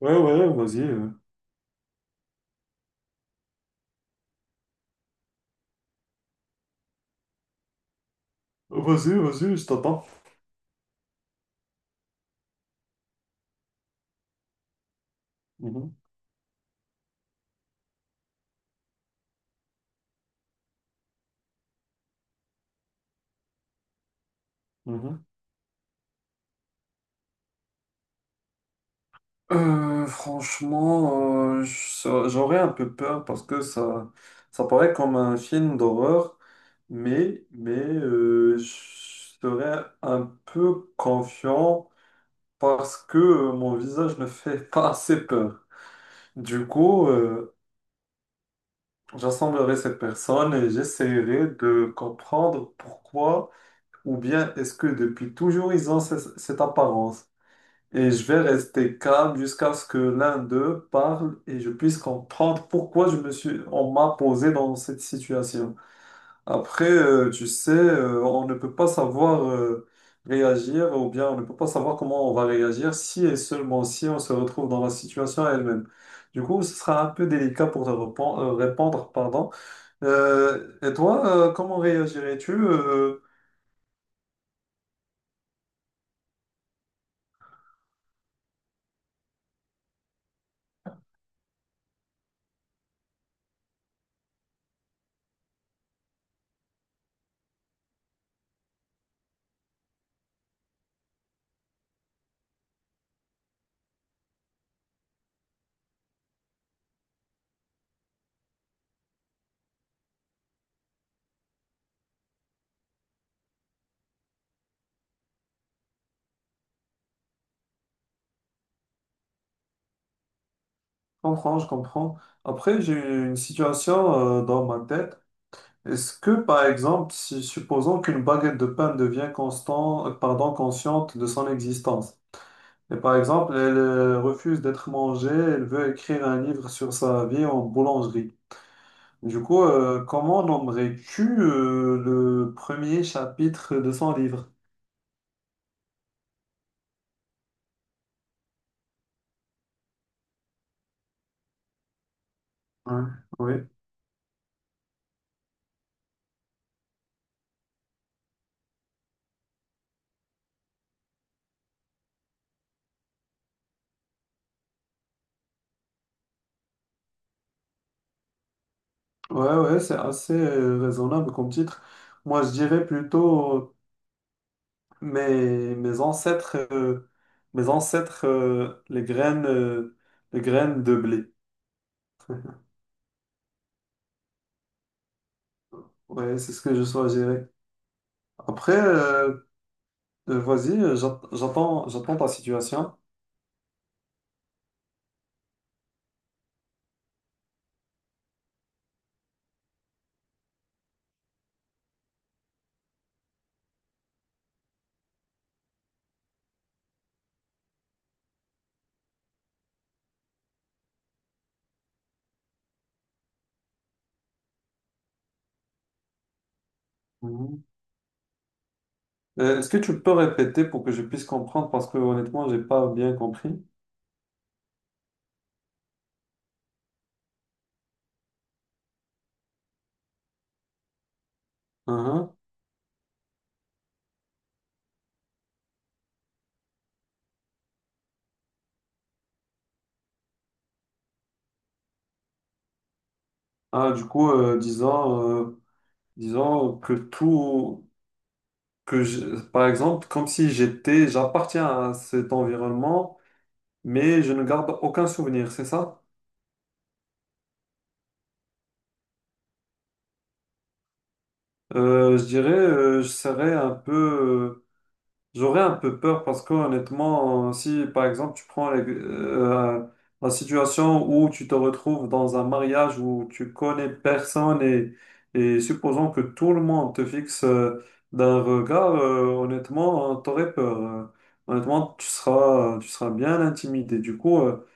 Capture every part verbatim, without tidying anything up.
Ouais, ouais, vas-y. euh. Vas-y, vas-y, je t'attends. Mhm, mhm. Euh, franchement, euh, je- j'aurais un peu peur parce que ça, ça paraît comme un film d'horreur, mais, mais euh, je serais un peu confiant parce que euh, mon visage ne fait pas assez peur. Du coup, euh, j'assemblerai ces personnes et j'essaierai de comprendre pourquoi, ou bien est-ce que depuis toujours ils ont ce- cette apparence. Et je vais rester calme jusqu'à ce que l'un d'eux parle et je puisse comprendre pourquoi je me suis, on m'a posé dans cette situation. Après, euh, tu sais, euh, on ne peut pas savoir euh, réagir, ou bien on ne peut pas savoir comment on va réagir si et seulement si on se retrouve dans la situation elle-même. Du coup, ce sera un peu délicat pour te répon- euh, répondre, pardon. Euh, et toi, euh, comment réagirais-tu? Euh, je comprends, je comprends. Après, j'ai eu une situation euh, dans ma tête. Est-ce que, par exemple, si, supposons qu'une baguette de pain devient constant, euh, pardon, consciente de son existence, et par exemple, elle euh, refuse d'être mangée, elle veut écrire un livre sur sa vie en boulangerie. Du coup, euh, comment nommerais-tu euh, le premier chapitre de son livre? Ouais, oui, ouais, ouais, c'est assez euh, raisonnable comme titre. Moi, je dirais plutôt euh, mes, mes ancêtres, euh, mes ancêtres, euh, les graines, euh, les graines de blé. Ouais, c'est ce que je sois gérer. Après, euh, euh, vas-y, euh, j'at- j'attends, j'attends ta situation. Mhm. Euh, Est-ce que tu peux répéter pour que je puisse comprendre? Parce que honnêtement, j'ai pas bien compris. Mhm. Ah, du coup, euh, disons, euh, disons que tout, que je- par exemple, comme si j'étais, j'appartiens à cet environnement, mais je ne garde aucun souvenir, c'est ça? Euh, je dirais, euh, je serais un peu, euh, j'aurais un peu peur parce que honnêtement, si par exemple tu prends les- euh, la situation où tu te retrouves dans un mariage où tu connais personne, et, et supposons que tout le monde te fixe euh, d'un regard, euh, honnêtement, t'aurais peur. Euh, Honnêtement, tu seras, tu seras bien intimidé. Du coup, euh,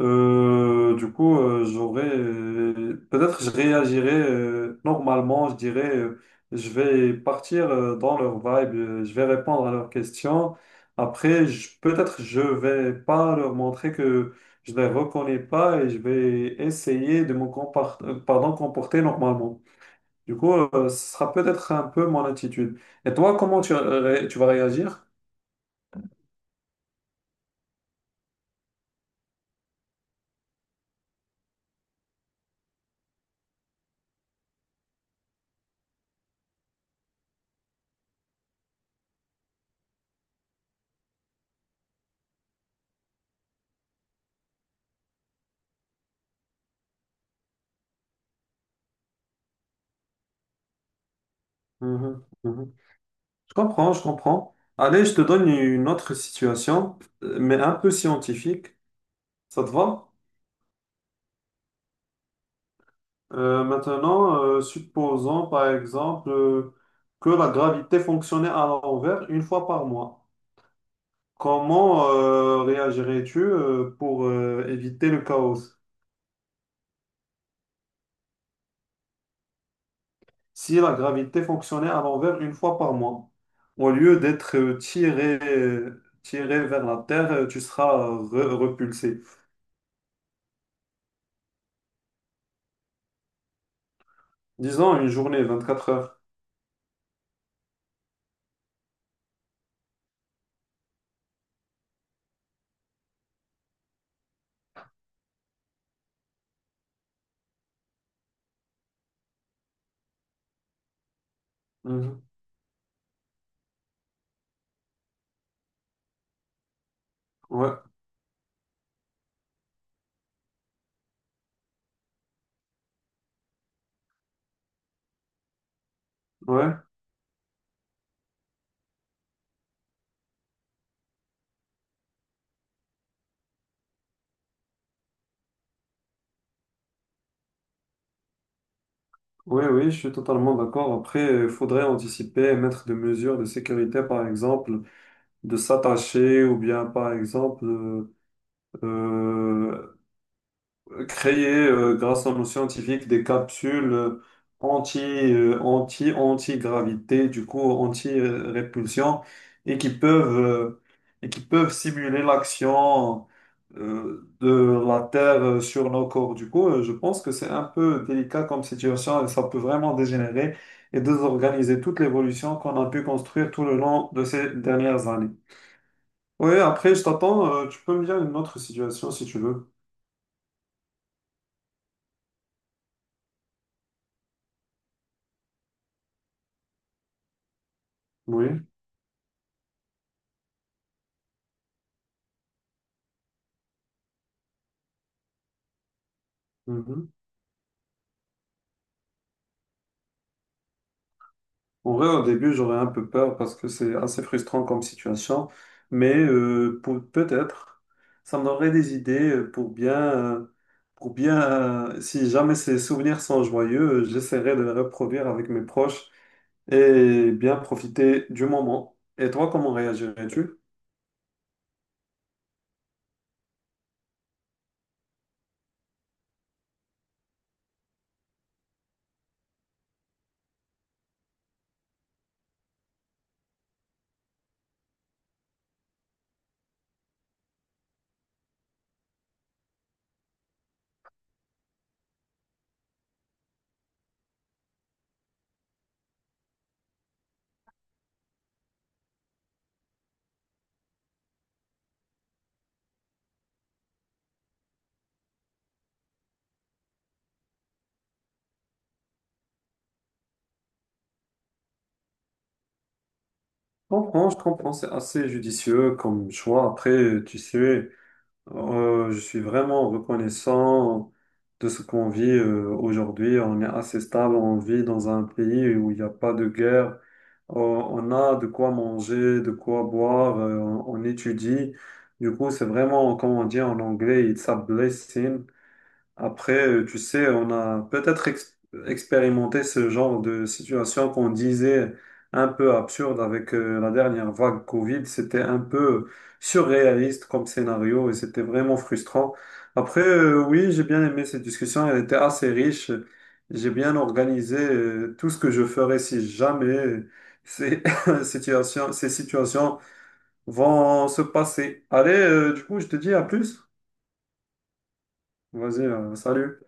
Euh, du coup, euh, j'aurais euh, peut-être je réagirais euh, normalement, je dirais euh, je vais partir euh, dans leur vibe, euh, je vais répondre à leurs questions. Après, je- peut-être je vais pas leur montrer que je les reconnais pas, et je vais essayer de me compar- euh, pardon, comporter normalement. Du coup, euh, ce sera peut-être un peu mon attitude. Et toi, comment tu, euh, ré- tu vas réagir? Mhm, mhm. Je comprends, je comprends. Allez, je te donne une autre situation, euh, mais un peu scientifique. Ça te va? Euh, maintenant, euh, supposons par exemple euh, que la gravité fonctionnait à l'envers une fois par mois. Comment euh, réagirais-tu euh, pour euh, éviter le chaos si la gravité fonctionnait à l'envers une fois par mois? Au lieu d'être euh, tiré, euh, tiré vers la Terre, euh, tu seras euh, re- repulsé. Disons une journée, vingt-quatre heures. Mhm. Ouais. Ouais, ouais, oui, je suis totalement d'accord. Après, il faudrait anticiper, mettre des mesures de sécurité, par exemple, de s'attacher, ou bien, par exemple, euh, euh, créer, euh, grâce à nos scientifiques, des capsules euh, anti, euh, anti, anti-gravité, du coup, anti-répulsion, et qui peuvent, euh, et qui peuvent simuler l'action euh, de la Terre euh, sur nos corps. Du coup, euh, je pense que c'est un peu délicat comme situation et ça peut vraiment dégénérer et désorganiser toute l'évolution qu'on a pu construire tout le long de ces dernières années. Oui, après, je t'attends. Euh, tu peux me dire une autre situation si tu veux. Oui. Mhm. En vrai, au début, j'aurais un peu peur parce que c'est assez frustrant comme situation, mais euh, pour- peut-être, ça me donnerait des idées euh, pour bien, euh, pour bien, euh, si jamais ces souvenirs sont joyeux, euh, j'essaierai de les reproduire avec mes proches et bien profiter du moment. Et toi, comment réagirais-tu? Je comprends, je comprends, c'est assez judicieux comme choix. Après, tu sais. Euh, je suis vraiment reconnaissant de ce qu'on vit euh, aujourd'hui. On est assez stable, on vit dans un pays où il n'y a pas de guerre. Euh, on a de quoi manger, de quoi boire, euh, on, on étudie. Du coup, c'est vraiment, comme on dit en anglais, it's a blessing. Après, euh, tu sais, on a peut-être ex- expérimenté ce genre de situation qu'on disait un peu absurde avec euh, la dernière vague Covid. C'était un peu surréaliste comme scénario et c'était vraiment frustrant. Après, euh, oui, j'ai bien aimé cette discussion. Elle était assez riche. J'ai bien organisé euh, tout ce que je ferais si jamais ces situations, ces situations vont se passer. Allez, euh, du coup, je te dis à plus. Vas-y, euh, salut.